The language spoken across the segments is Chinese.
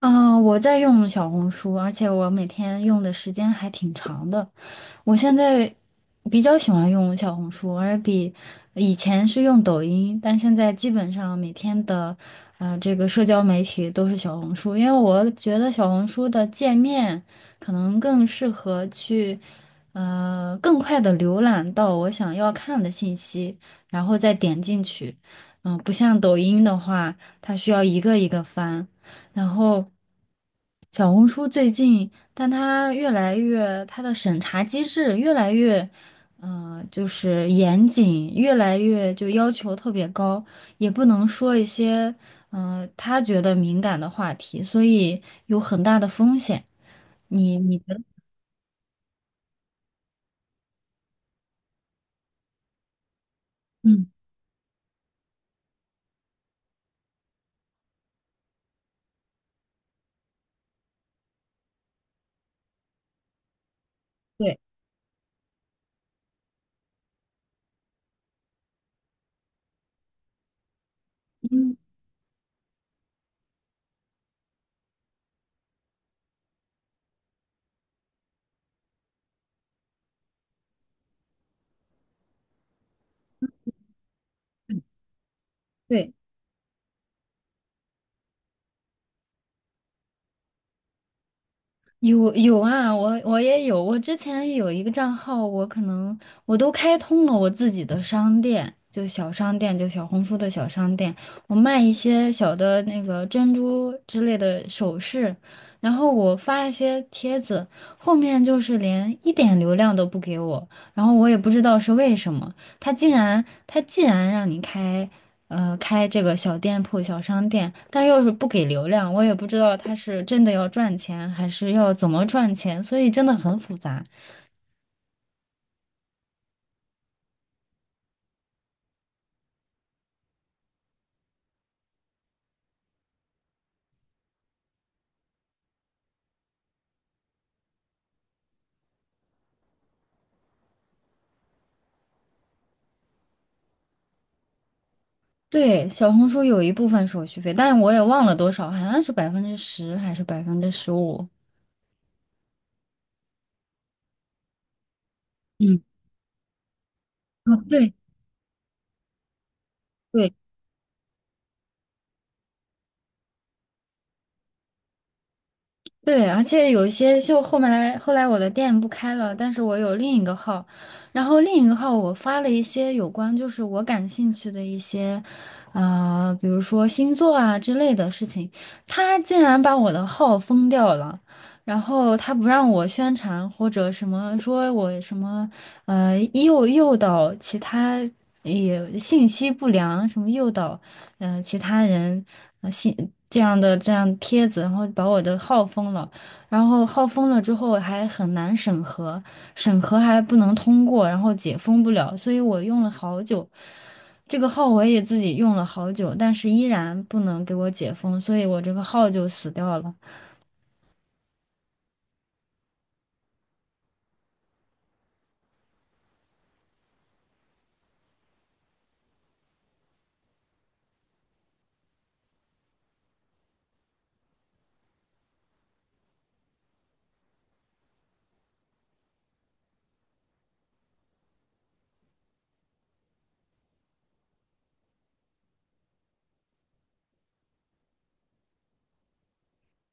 嗯，我在用小红书，而且我每天用的时间还挺长的。我现在比较喜欢用小红书，而比以前是用抖音，但现在基本上每天的这个社交媒体都是小红书，因为我觉得小红书的界面可能更适合去更快的浏览到我想要看的信息，然后再点进去。嗯，不像抖音的话，它需要一个一个翻，然后。小红书最近，但它越来越，它的审查机制越来越，就是严谨，越来越就要求特别高，也不能说一些，他觉得敏感的话题，所以有很大的风险。你觉得？嗯，对，嗯，对。有啊，我也有，我之前有一个账号，我可能我都开通了我自己的商店，就小商店，就小红书的小商店，我卖一些小的那个珍珠之类的首饰，然后我发一些帖子，后面就是连一点流量都不给我，然后我也不知道是为什么，他竟然他既然让你开。开这个小店铺、小商店，但要是不给流量，我也不知道他是真的要赚钱，还是要怎么赚钱，所以真的很复杂。对，小红书有一部分手续费，但我也忘了多少，好像是百分之十还是15%。嗯，哦，对对，对，而且有一些就后面来，后来我的店不开了，但是我有另一个号，然后另一个号我发了一些有关就是我感兴趣的一些，比如说星座啊之类的事情，他竟然把我的号封掉了，然后他不让我宣传或者什么，说我什么，诱导其他也信息不良，什么诱导。嗯、其他人啊信这样帖子，然后把我的号封了，然后号封了之后还很难审核，审核还不能通过，然后解封不了，所以我用了好久，这个号我也自己用了好久，但是依然不能给我解封，所以我这个号就死掉了。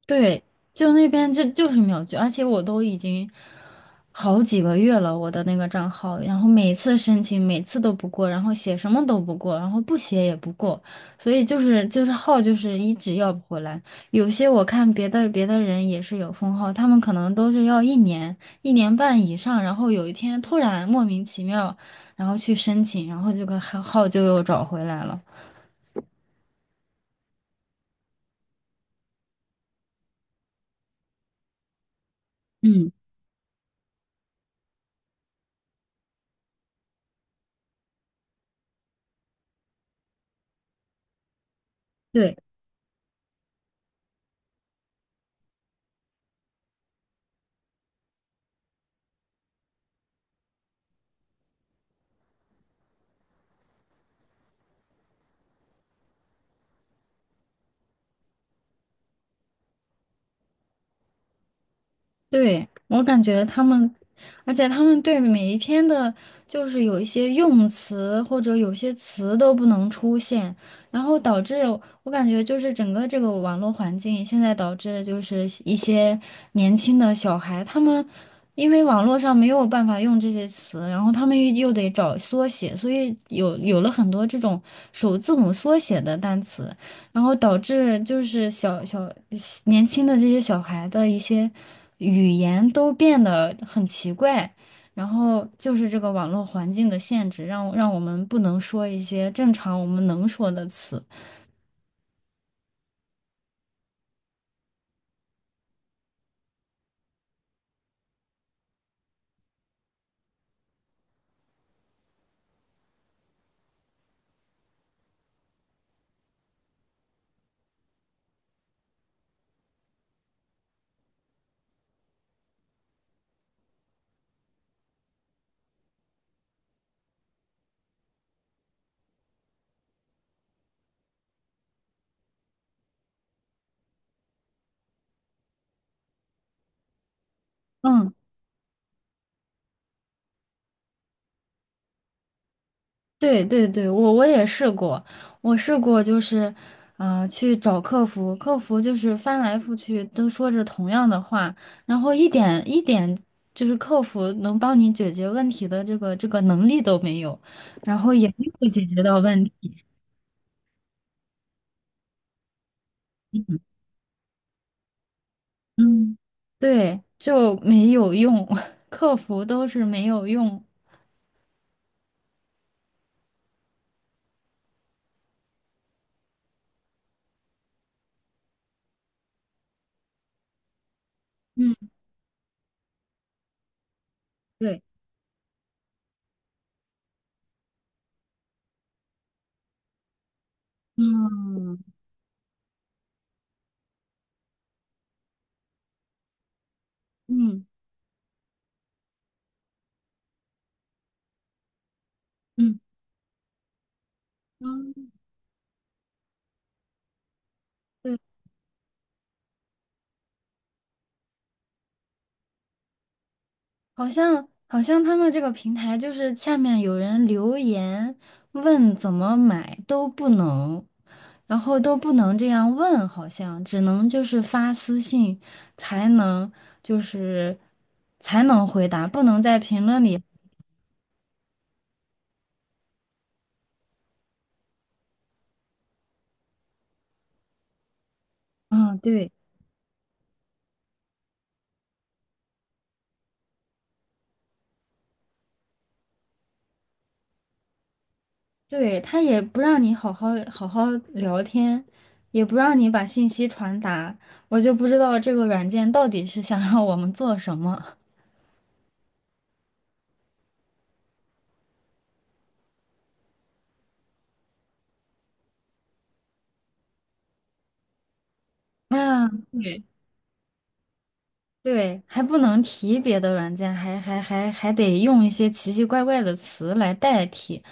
对，就那边就是秒拒，而且我都已经。好几个月了，我的那个账号，然后每次申请，每次都不过，然后写什么都不过，然后不写也不过，所以就是号就是一直要不回来。有些我看别的人也是有封号，他们可能都是要一年1年半以上，然后有一天突然莫名其妙，然后去申请，然后这个号就又找回来了。嗯，对，对，我感觉他们，而且他们对每一篇的，就是有一些用词或者有些词都不能出现，然后导致我感觉就是整个这个网络环境现在导致就是一些年轻的小孩，他们因为网络上没有办法用这些词，然后他们又得找缩写，所以有了很多这种首字母缩写的单词，然后导致就是年轻的这些小孩的一些语言都变得很奇怪，然后就是这个网络环境的限制，让我们不能说一些正常我们能说的词。嗯，对对对，我也试过，我试过就是，去找客服，客服就是翻来覆去都说着同样的话，然后一点一点就是客服能帮你解决问题的这个能力都没有，然后也没有解决到问题，嗯，对，就没有用，客服都是没有用，嗯对，嗯嗯嗯嗯。嗯，对好像他们这个平台就是下面有人留言问怎么买都不能，然后都不能这样问，好像只能就是发私信才能就是才能回答，不能在评论里。嗯，对对，他也不让你好好聊天，也不让你把信息传达，我就不知道这个软件到底是想让我们做什么。啊，对。对，还不能提别的软件，还得用一些奇奇怪怪的词来代替。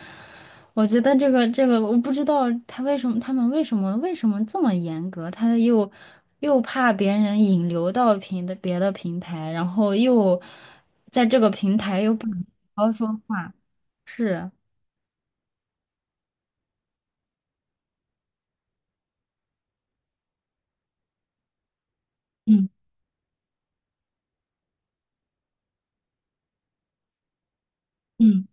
我觉得这个，我不知道他为什么，他们为什么这么严格？他又怕别人引流到别的平台，然后又在这个平台又不能好好说话，是。嗯嗯。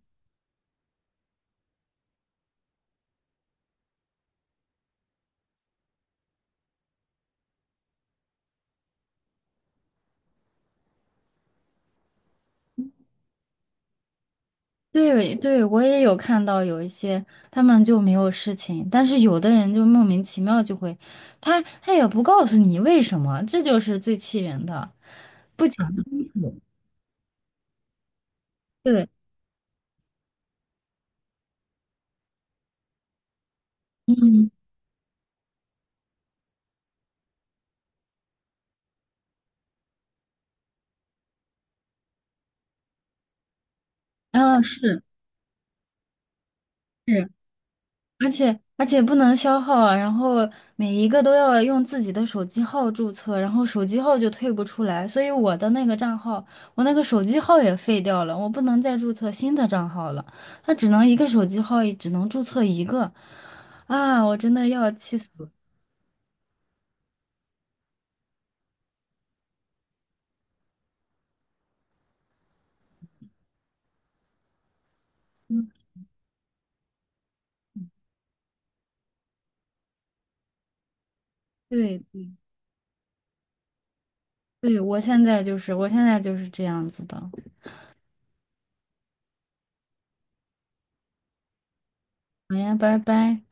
对对，我也有看到有一些他们就没有事情，但是有的人就莫名其妙就会，他也不告诉你为什么，这就是最气人的。对，嗯，啊，是是，而且不能消耗啊，然后每一个都要用自己的手机号注册，然后手机号就退不出来，所以我的那个账号，我那个手机号也废掉了，我不能再注册新的账号了，它只能一个手机号，只能注册一个，啊，我真的要气死了。嗯，对对，我现在就是这样子的。好呀，拜拜。